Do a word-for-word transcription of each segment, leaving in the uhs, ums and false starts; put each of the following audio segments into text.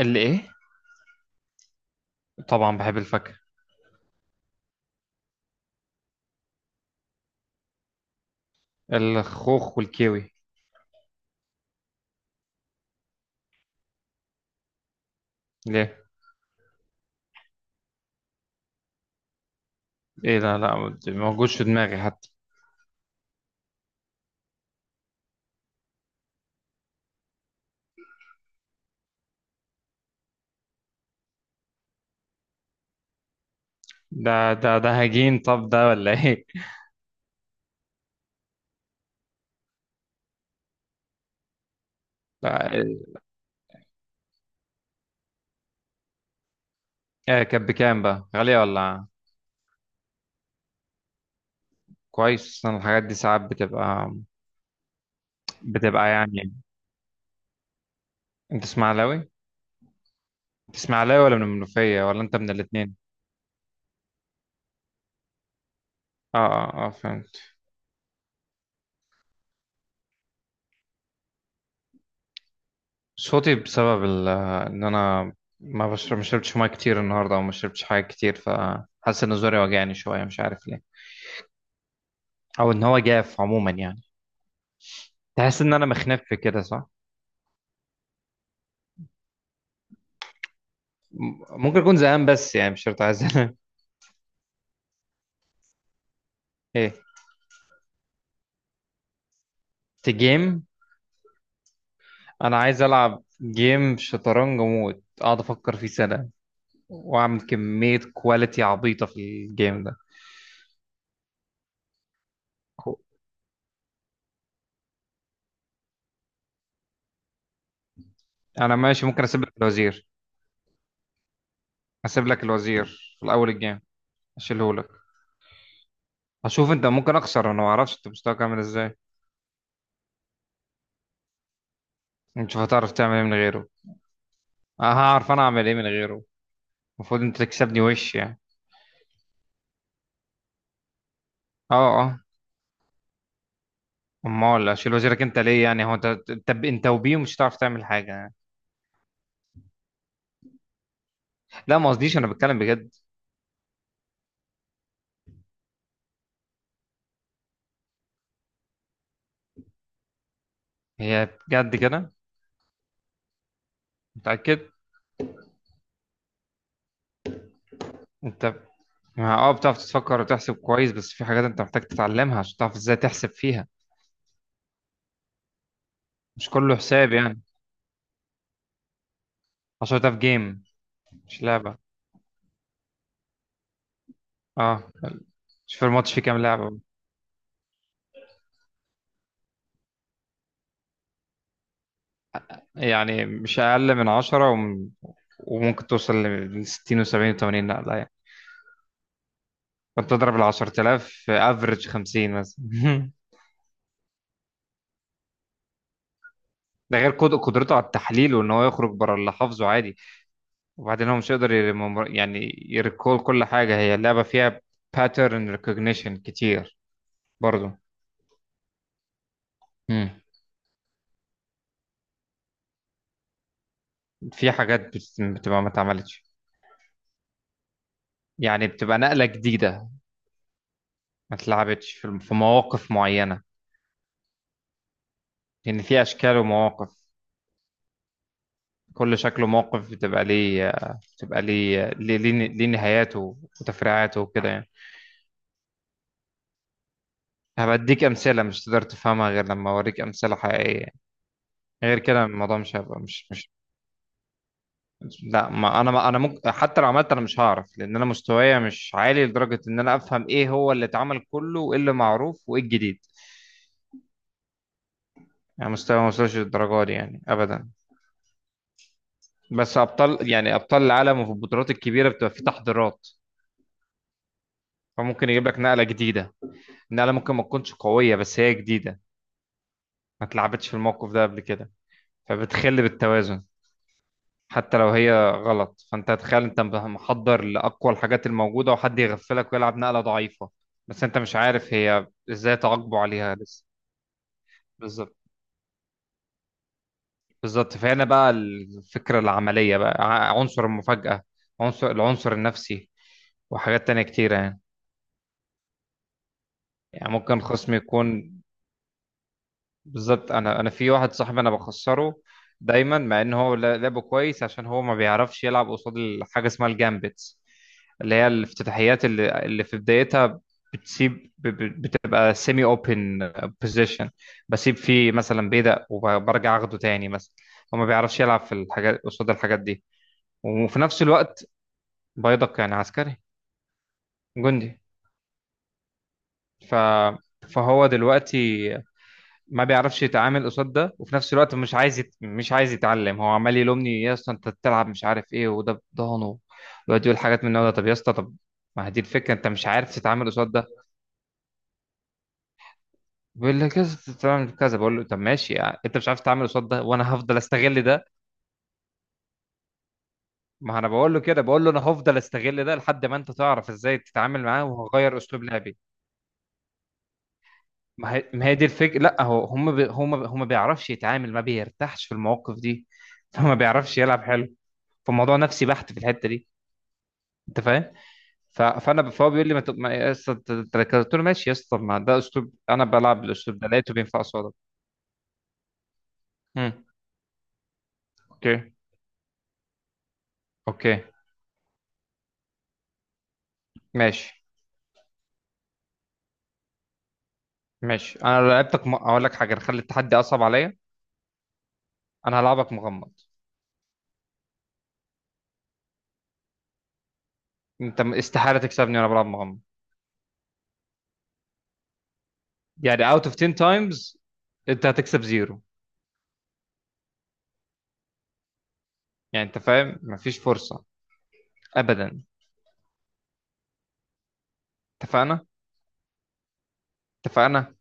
الايه؟ طبعا بحب الفاكهة. الخوخ والكيوي. ليه؟ ايه ده، لا ما موجودش في دماغي حتى. ده ده ده هجين طب، ده ولا ايه؟ لا، ايه. إيه، كانت بكام بقى؟ غالية ولا؟ كويس. أنا الحاجات دي ساعات بتبقى بتبقى يعني. انت اسماعيلاوي انت اسماعيلاوي ولا من المنوفية ولا انت من الاتنين؟ اه اه اه فهمت. صوتي بسبب ال- ان انا ما بشرب ما شربتش ميه كتير النهارده، وما شربتش حاجه كتير، فحاسس ان زوري وجعني شويه، مش عارف ليه. او ان هو جاف عموما يعني. تحس ان انا مخنف كده صح؟ م- ممكن اكون زهقان، بس يعني مش شرط عايز انام. ايه؟ في جيم؟ انا عايز العب جيم شطرنج موت، اقعد افكر فيه سنه، واعمل كميه كواليتي عبيطه في الجيم ده. كو- انا ماشي، ممكن اسيب لك الوزير. اسيب لك الوزير في الاول الجيم، اشيله لك، اشوف انت ممكن اخسر، انا ما اعرفش انت مستواك عامل ازاي. نشوف هتعرف تعمل ايه من غيره. أه، هعرف انا اعمل ايه من غيره؟ المفروض انت تكسبني وش يعني. اه اه. امال اشيل وزيرك انت ليه؟ يعني هو انت انت انت وبيه مش هتعرف تعمل حاجه يعني. لا، ما قصديش، انا بتكلم بجد. هي بجد كده؟ متاكد؟ انت ما- اه بتعرف تفكر وتحسب كويس، بس في حاجات انت محتاج تتعلمها عشان تعرف ازاي تحسب فيها. مش كله حساب يعني. عشان ده في جيم، مش لعبه. اه. مش في الماتش في كام لعبه؟ يعني مش اقل من عشرة وم... وممكن توصل ل ستين و70 و80، لا لا يعني. فانت تضرب ال عشرة آلاف افريج خمسين مثلا. ده غير قد- قدرته على التحليل، وان هو يخرج بره اللي حافظه عادي. وبعدين هو مش هيقدر ير- مم- يعني يريكول كل حاجه هي اللعبه فيها. باترن ريكوجنيشن كتير برضو. مم. في حاجات بت- بتبقى ما اتعملتش. يعني بتبقى نقله جديده، ما اتلعبتش في الم- في مواقف معينه. لان في اشكال ومواقف، كل شكل وموقف بتبقى ليه، بتبقى ليه ليه, ليه ليه نهاياته وتفريعاته وكده يعني. هبديك امثله، مش تقدر تفهمها غير لما اوريك امثله حقيقيه، غير كده الموضوع مش هيبقى مش مش. لا، ما انا ما انا ممكن حتى لو عملت انا مش هعرف، لان انا مستوايا مش عالي لدرجه ان انا افهم ايه هو اللي اتعمل كله وايه اللي معروف وايه الجديد. يعني مستوى ما وصلش للدرجه دي يعني ابدا. بس ابطال، يعني ابطال العالم وفي البطولات الكبيره، بتبقى في تحضيرات، فممكن يجيب لك نقله جديده. نقله ممكن ما تكونش قويه، بس هي جديده، ما اتلعبتش في الموقف ده قبل كده، فبتخل بالتوازن. حتى لو هي غلط، فانت تخيل انت محضر لاقوى الحاجات الموجوده وحد يغفلك ويلعب نقله ضعيفه. بس انت مش عارف هي ازاي تعاقبه عليها لسه. بالظبط. بالظبط، فهنا بقى الفكره العمليه بقى، ع- عنصر المفاجاه، عنصر العنصر النفسي، وحاجات تانية كتيرة يعني. يعني ممكن خصم يكون. بالظبط، انا انا في واحد صاحبي انا بخسره دايما، مع ان هو لا- لعبه كويس، عشان هو ما بيعرفش يلعب قصاد حاجه اسمها الجامبتس، اللي هي الافتتاحيات اللي اللي في بدايتها بتسيب ب- ب- بتبقى سيمي اوبن بوزيشن. بسيب فيه مثلا بيدق وبرجع اخده تاني مثلا. هو ما بيعرفش يلعب في الحاجات قصاد الحاجات دي. وفي نفس الوقت، بيدق يعني عسكري، جندي. ف فهو دلوقتي ما بيعرفش يتعامل قصاد ده، وفي نفس الوقت مش عايز يت... مش عايز يتعلم. هو عمال يلومني، يا اسطى انت بتلعب مش عارف ايه وده بضهنه، ويقعد يقول حاجات من النوع ده. طب يا اسطى طب، ما هي دي الفكره، انت مش عارف تتعامل قصاد ده. بيقول لي كذا تتعامل كذا، بقول له طب ماشي يعني، انت مش عارف تتعامل قصاد ده وانا هفضل استغل ده. ما انا بقول له كده، بقول له انا هفضل استغل ده لحد ما انت تعرف ازاي تتعامل معاه، وهغير اسلوب لعبي. ما هي ما هي دي الفكره. لا هو هم بي... هم هم ما بيعرفش يتعامل، ما بيرتاحش في المواقف دي، فما بيعرفش يلعب حلو. فالموضوع نفسي بحت في الحته دي. انت فاهم؟ ف- فانا فهو بيقول لي ما تبقى يا اسطى انت- انت لك- قلت له ماشي يا اسطى، ما ده اسلوب، انا بلعب بالاسلوب ده لقيته بينفع قصادك. امم. اوكي. اوكي. ماشي. ماشي، انا لو لعبتك م... اقول لك حاجه، نخلي التحدي اصعب عليا، انا هلعبك مغمض. انت م- استحاله تكسبني وانا بلعب مغمض. يعني اوت اوف عشرة تايمز انت هتكسب زيرو. يعني انت فاهم، مفيش فرصه ابدا. اتفقنا. اتفقنا.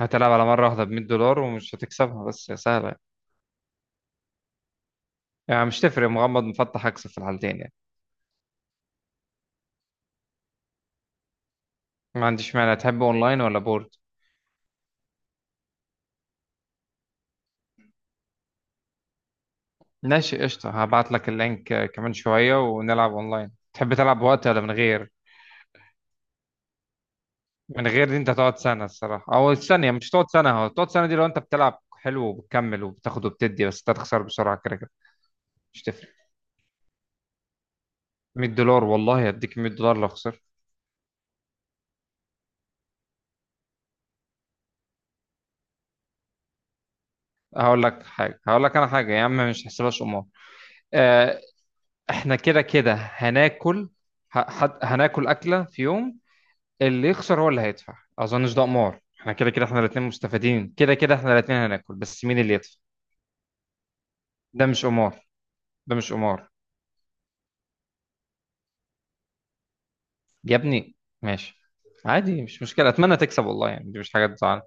هتلعب على مره واحده ب مية دولار، ومش هتكسبها بس يا سهله. يعني مش تفرق مغمض مفتح، هكسب في الحالتين يعني. ما عنديش مانع، تحب اونلاين ولا بورد؟ ماشي قشطة، هبعت لك اللينك. آه، كمان شوية ونلعب اونلاين. تحب تلعب بوقت ولا من غير؟ من غير دي انت هتقعد سنة الصراحة، او الثانية مش هتقعد سنة، هو تقعد سنة دي لو انت بتلعب حلو وبتكمل وبتاخد وبتدي، بس انت هتخسر بسرعة كده كده. مش تفرق. مية دولار والله، هديك مية دولار لو خسرت. هقول لك حاجة، هقول لك انا حاجة يا عم، مش هحسبهاش قمار. آه، احنا كده كده هناكل، ه- هد- هناكل أكلة في يوم، اللي يخسر هو اللي هيدفع. اظنش ده قمار، احنا كده كده احنا الاثنين مستفيدين، كده كده احنا الاثنين هناكل، بس مين اللي يدفع. ده مش قمار. ده مش قمار. يا ابني ماشي، عادي مش مشكلة، اتمنى تكسب والله يعني، دي مش حاجة تزعل.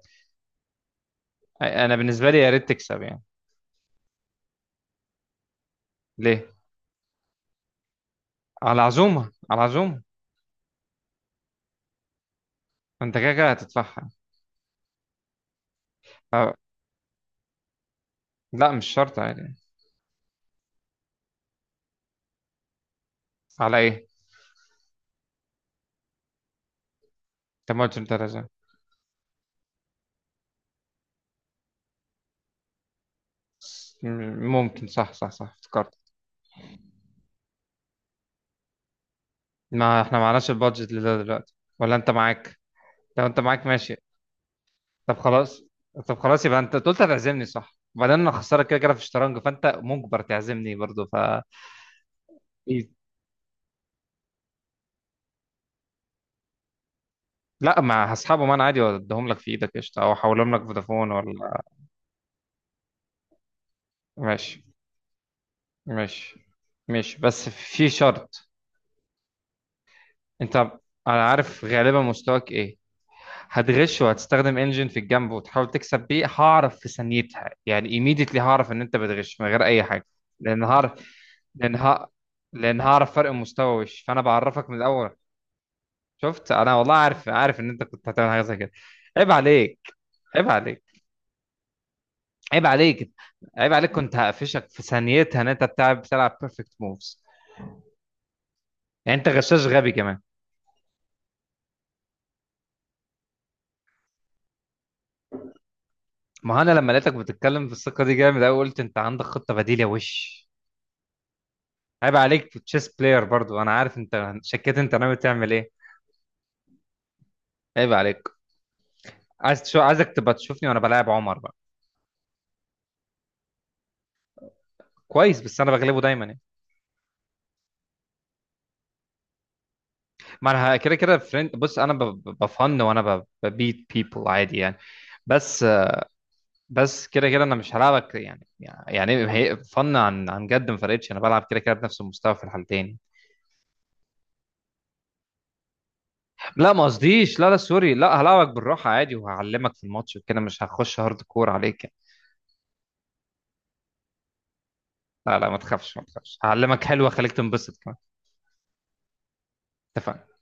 انا بالنسبة لي يا ريت تكسب يعني. ليه؟ على عزومة. على عزومة. انت كده كده هتدفعها. أه، لا مش شرط، عادي. على ايه؟ طب ما قلت انت لازم. ممكن، صح صح صح، افتكرت. ما احنا معناش البادجت لده دلوقتي، ولا انت معاك؟ لو انت معاك ماشي. طب خلاص. طب خلاص، يبقى انت أنت قلت هتعزمني صح، وبعدين انا خسارة كده كده في الشطرنج، فانت مجبر تعزمني برضو ف. إيه؟ لا مع اصحابه، ما انا عادي واديهم لك في ايدك قشطه، او احولهم لك فودافون ولا. ماشي. ماشي. ماشي، بس في شرط. انت، انا عارف غالبا مستواك ايه، هتغش وهتستخدم انجن في الجنب وتحاول تكسب بيه، هعرف في ثانيتها يعني، ايميديتلي هعرف ان انت بتغش من غير اي حاجه. لان هعرف، لان ه... لان هعرف فرق المستوى وش، فانا بعرفك من الاول. شفت، انا والله عارف، عارف ان انت كنت هتعمل حاجه زي كده. عيب عليك. عيب عليك. عيب عليك. عيب عليك، كنت هقفشك في ثانيتها ان انت بتلعب بتلعب بيرفكت موفز. يعني انت غشاش غبي كمان. ما هو انا لما لقيتك بتتكلم بالثقه دي جامد قوي، قلت انت عندك خطه بديله وش. عيب عليك، في تشيس بلاير برضو، انا عارف انت شكيت انت ناوي تعمل ايه. عيب عليك. عايز تشو... عايزك تبقى تشوفني وانا بلاعب عمر بقى. كويس، بس انا بغلبه دايما يعني. ما انا كده كده فريند، بص انا ب- ب- بفن، وانا ب- ببيت بيبل عادي يعني. بس. بس كده كده انا مش هلعبك يعني. يعني هي فن عن عن جد، ما فرقتش، انا بلعب كده كده بنفس المستوى في الحالتين. لا ما قصديش، لا لا سوري، لا هلعبك بالراحه عادي، وهعلمك في الماتش وكده، مش هخش هارد كور عليك يعني. لا لا ما تخافش، ما تخافش، هعلمك حلوه، خليك تنبسط كمان. اتفقنا.